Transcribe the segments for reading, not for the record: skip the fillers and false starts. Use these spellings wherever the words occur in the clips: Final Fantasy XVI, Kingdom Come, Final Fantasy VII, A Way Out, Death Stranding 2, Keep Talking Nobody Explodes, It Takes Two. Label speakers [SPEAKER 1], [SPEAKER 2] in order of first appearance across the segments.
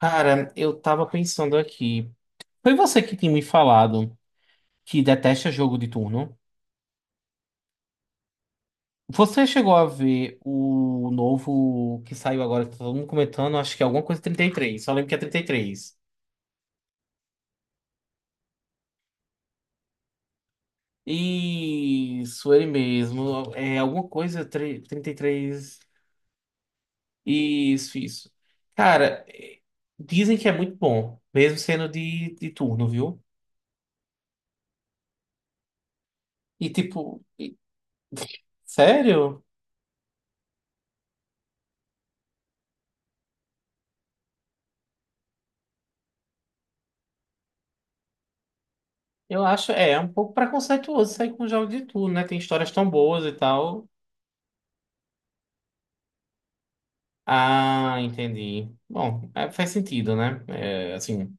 [SPEAKER 1] Cara, eu tava pensando aqui. Foi você que tinha me falado que detesta jogo de turno. Você chegou a ver o novo que saiu agora, que tá todo mundo comentando, acho que é alguma coisa 33, só lembro que é 33. Isso, ele mesmo. É alguma coisa 33. Isso, isso. Cara, dizem que é muito bom, mesmo sendo de turno, viu? E tipo, sério? Eu acho, é um pouco preconceituoso sair com um jogo de tudo, né? Tem histórias tão boas e tal. Ah, entendi. Bom, é, faz sentido, né? É, assim,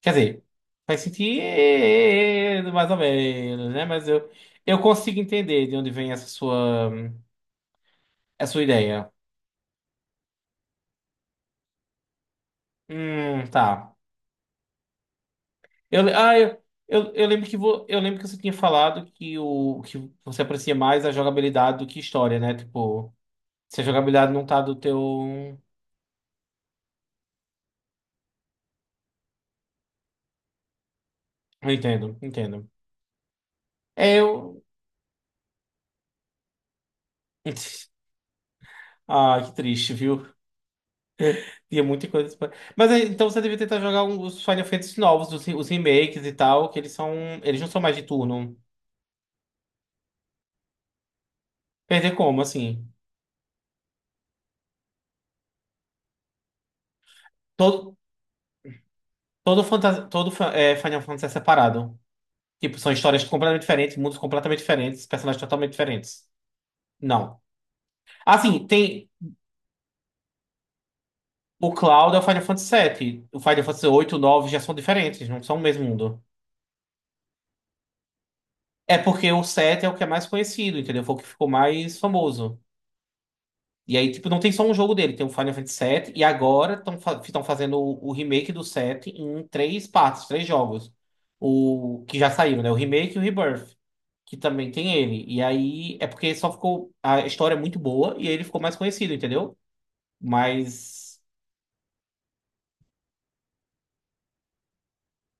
[SPEAKER 1] quer dizer, faz sentido mais ou menos, né? Mas eu consigo entender de onde vem essa sua ideia. Tá. Eu, le- ah, eu lembro que você tinha falado que você aprecia mais a jogabilidade do que história, né? Tipo, se a jogabilidade não tá do teu. Eu entendo, entendo. É, eu. Ah, que triste, viu? Tinha muita coisa. Mas é, então você devia tentar jogar os Final Fantasy novos, os remakes e tal, que eles são. Eles não são mais de turno. Perder como, assim? Todo, todo, fanta- todo fa- é, Final Fantasy é separado. Tipo, são histórias completamente diferentes, mundos completamente diferentes, personagens totalmente diferentes. Não. Assim, tem. O Cloud é o Final Fantasy 7. O Final Fantasy 8 e o 9 já são diferentes, não são o mesmo mundo. É porque o 7 é o que é mais conhecido, entendeu? Foi o que ficou mais famoso. E aí, tipo, não tem só um jogo dele, tem o Final Fantasy VII, e agora estão fa tão fazendo o remake do 7 em três partes, três jogos. O que já saíram, né? O remake e o Rebirth, que também tem ele. E aí, é porque só ficou. A história é muito boa e aí ele ficou mais conhecido, entendeu? Mas.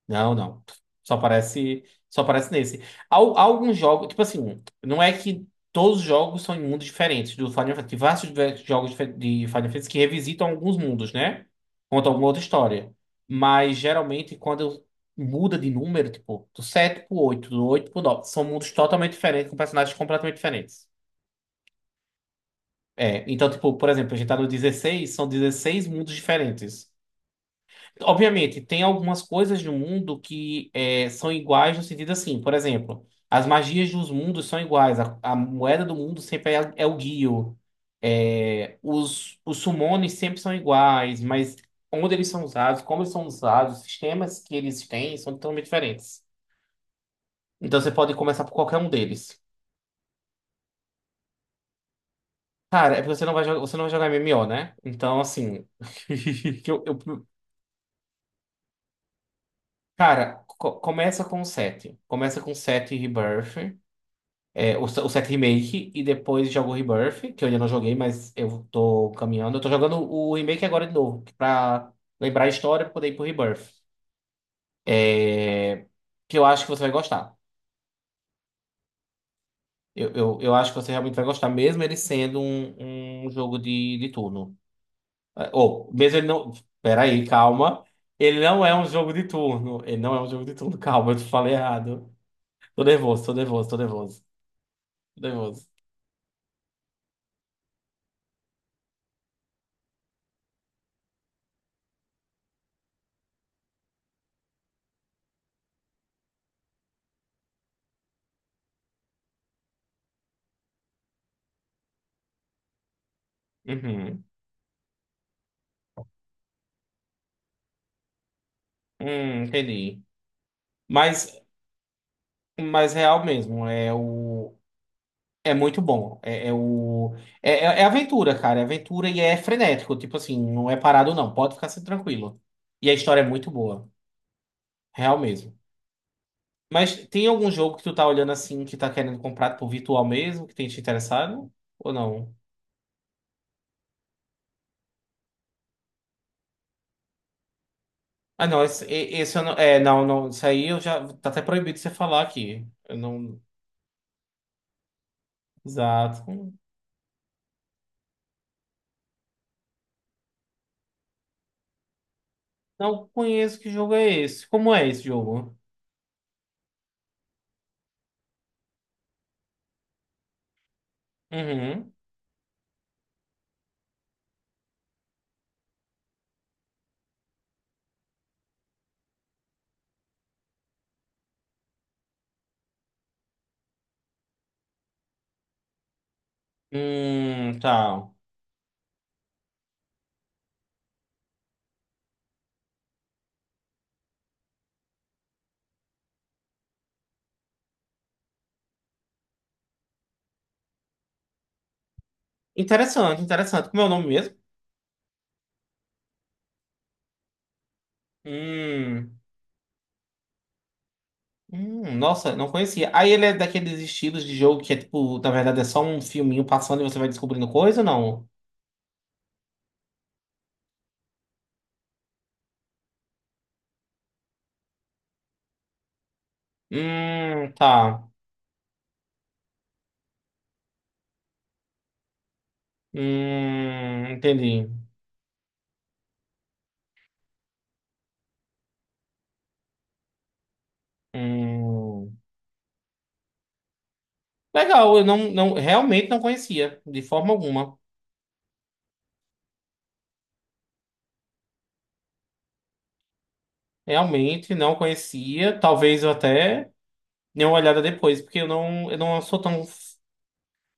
[SPEAKER 1] Não, não. Só aparece, só aparece nesse. Há alguns jogos, tipo assim, não é que todos os jogos são em mundos diferentes do Final Fantasy. Tem vários jogos de Final Fantasy que revisitam alguns mundos, né? Conta alguma outra história. Mas geralmente quando muda de número, tipo, do 7 pro 8, do 8 pro 9, são mundos totalmente diferentes, com personagens completamente diferentes. É, então, tipo, por exemplo, a gente tá no 16, são 16 mundos diferentes. Obviamente, tem algumas coisas do mundo que são iguais no sentido assim, por exemplo, as magias dos mundos são iguais, a moeda do mundo sempre é o Gyu, os summones sempre são iguais, mas onde eles são usados, como eles são usados, os sistemas que eles têm são totalmente diferentes. Então você pode começar por qualquer um deles. Cara, é porque você não vai jogar MMO, né? Então, assim. que eu- eu- Cara, começa com o 7. Começa com 7 Rebirth. É, o, se- o 7 Remake e depois jogo o Rebirth, que eu ainda não joguei, mas eu tô caminhando. Eu tô jogando o Remake agora de novo, pra lembrar a história pra poder ir pro Rebirth. É, que eu acho que você vai gostar. Eu acho que você realmente vai gostar, mesmo ele sendo um jogo de turno. É, ou, mesmo ele não. Peraí, calma. Ele não é um jogo de turno. Ele não é um jogo de turno. Calma, eu te falei errado. Tô nervoso, tô nervoso, tô nervoso. Tô nervoso. Uhum. Entendi. Mas mais real mesmo. É o É muito bom. É, é o é, é é aventura, cara. É aventura e é frenético. Tipo assim, não é parado não. Pode ficar assim, tranquilo. E a história é muito boa, real mesmo. Mas tem algum jogo que tu tá olhando assim que tá querendo comprar por virtual mesmo que tem te interessado ou não? Ah, não, esse, esse eu não, não, não, isso aí eu já tá até proibido de você falar aqui. Eu não, exato. Não conheço que jogo é esse. Como é esse jogo? Uhum. Tá. Interessante, interessante. Como é o nome mesmo? Hum, nossa, não conhecia. Aí ele é daqueles estilos de jogo que é tipo, na verdade é só um filminho passando e você vai descobrindo coisa ou não? Tá. Entendi. Hum, legal, eu não, não, realmente não conhecia, de forma alguma. Realmente não conhecia. Talvez eu até dê uma olhada depois, porque eu não sou tão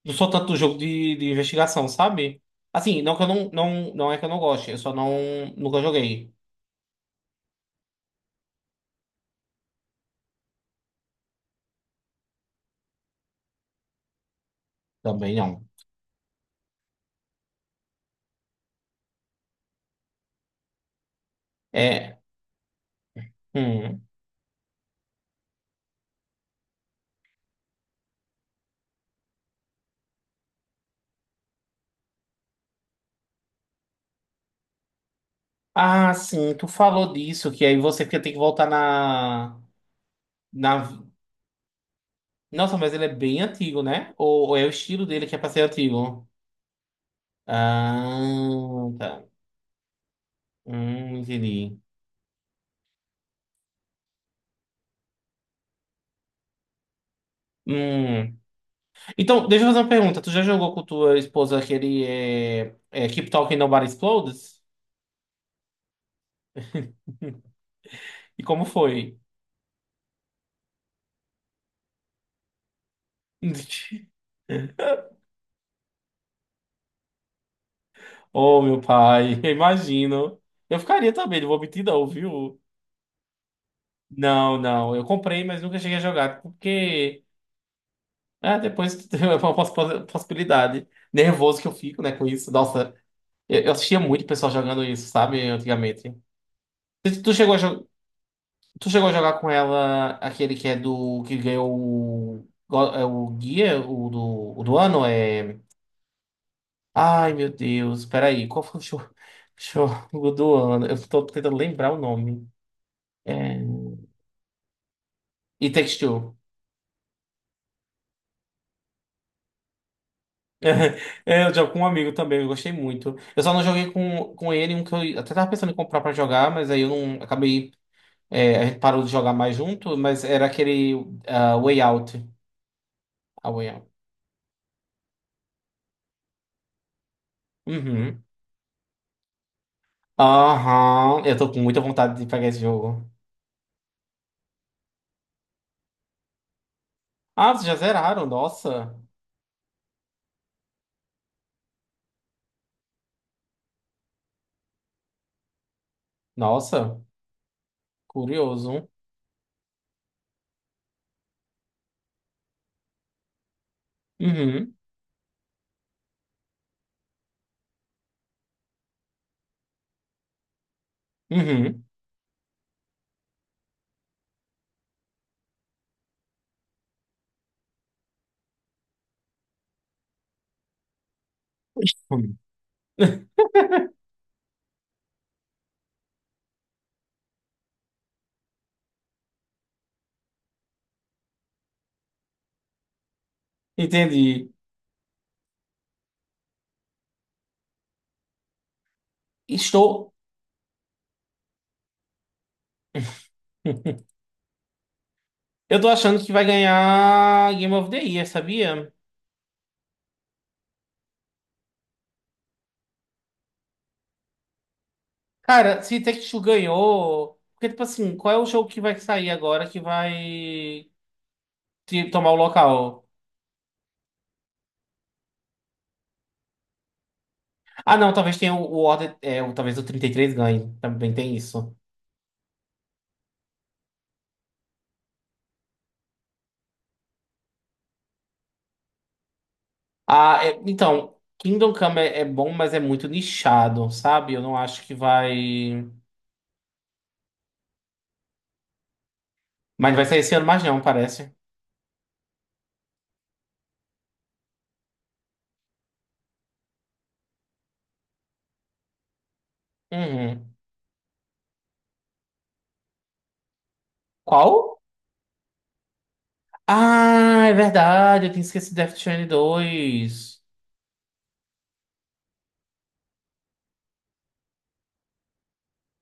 [SPEAKER 1] Não sou tanto do jogo de investigação, sabe? Assim, não que eu não, não é que eu não goste, eu só não nunca joguei. Também não. É. Hum. Ah, sim, tu falou disso, que aí você tem que voltar na. Nossa, mas ele é bem antigo, né? Ou é o estilo dele que é pra ser antigo? Ah, tá. Entendi. Hum. Então, deixa eu fazer uma pergunta. Tu já jogou com tua esposa aquele Keep Talking Nobody Explodes? E como foi? Oh, meu pai, eu imagino. Eu ficaria também, não vou mentir não, viu? Não, não, eu comprei, mas nunca cheguei a jogar, porque depois é uma possibilidade. Nervoso que eu fico, né, com isso. Nossa, eu assistia muito o pessoal jogando isso, sabe, antigamente. Tu, tu chegou a, jo- tu chegou a jogar com ela aquele que é do, que ganhou o, é o guia, o do ano é. Ai, meu Deus, peraí, qual foi o show jogo do ano? Eu tô tentando lembrar o nome. É. E Takes Two. É, eu jogo com um amigo também, eu gostei muito. Eu só não joguei com ele, um que eu até tava pensando em comprar pra jogar, mas aí eu não acabei. É, a gente parou de jogar mais junto, mas era aquele Way Out. A Way Out. Uhum. Aham. Eu tô com muita vontade de pegar esse jogo. Ah, vocês já zeraram? Nossa. Nossa. Curioso. Uhum. Uhum. Hum. Entendi. Estou. Eu tô achando que vai ganhar Game of the Year, sabia? Cara, se Take-Two ganhou. Porque, tipo assim, qual é o jogo que vai sair agora que vai tomar o local? Ah, não, talvez tenha o Order. Talvez o 33 ganhe. Também tem isso. Ah, então, Kingdom Come é bom, mas é muito nichado, sabe? Eu não acho que vai. Mas não vai sair esse ano mais, não, parece. Uhum. Qual? Ah, é verdade, eu tinha esquecido Death Stranding 2.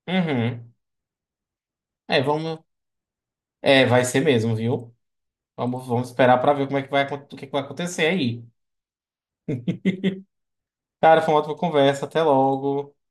[SPEAKER 1] Uhum. É, vamos. É, vai ser mesmo, viu? Vamos, vamos esperar para ver como é que vai, o que é que vai acontecer aí. Cara, foi uma ótima conversa. Até logo.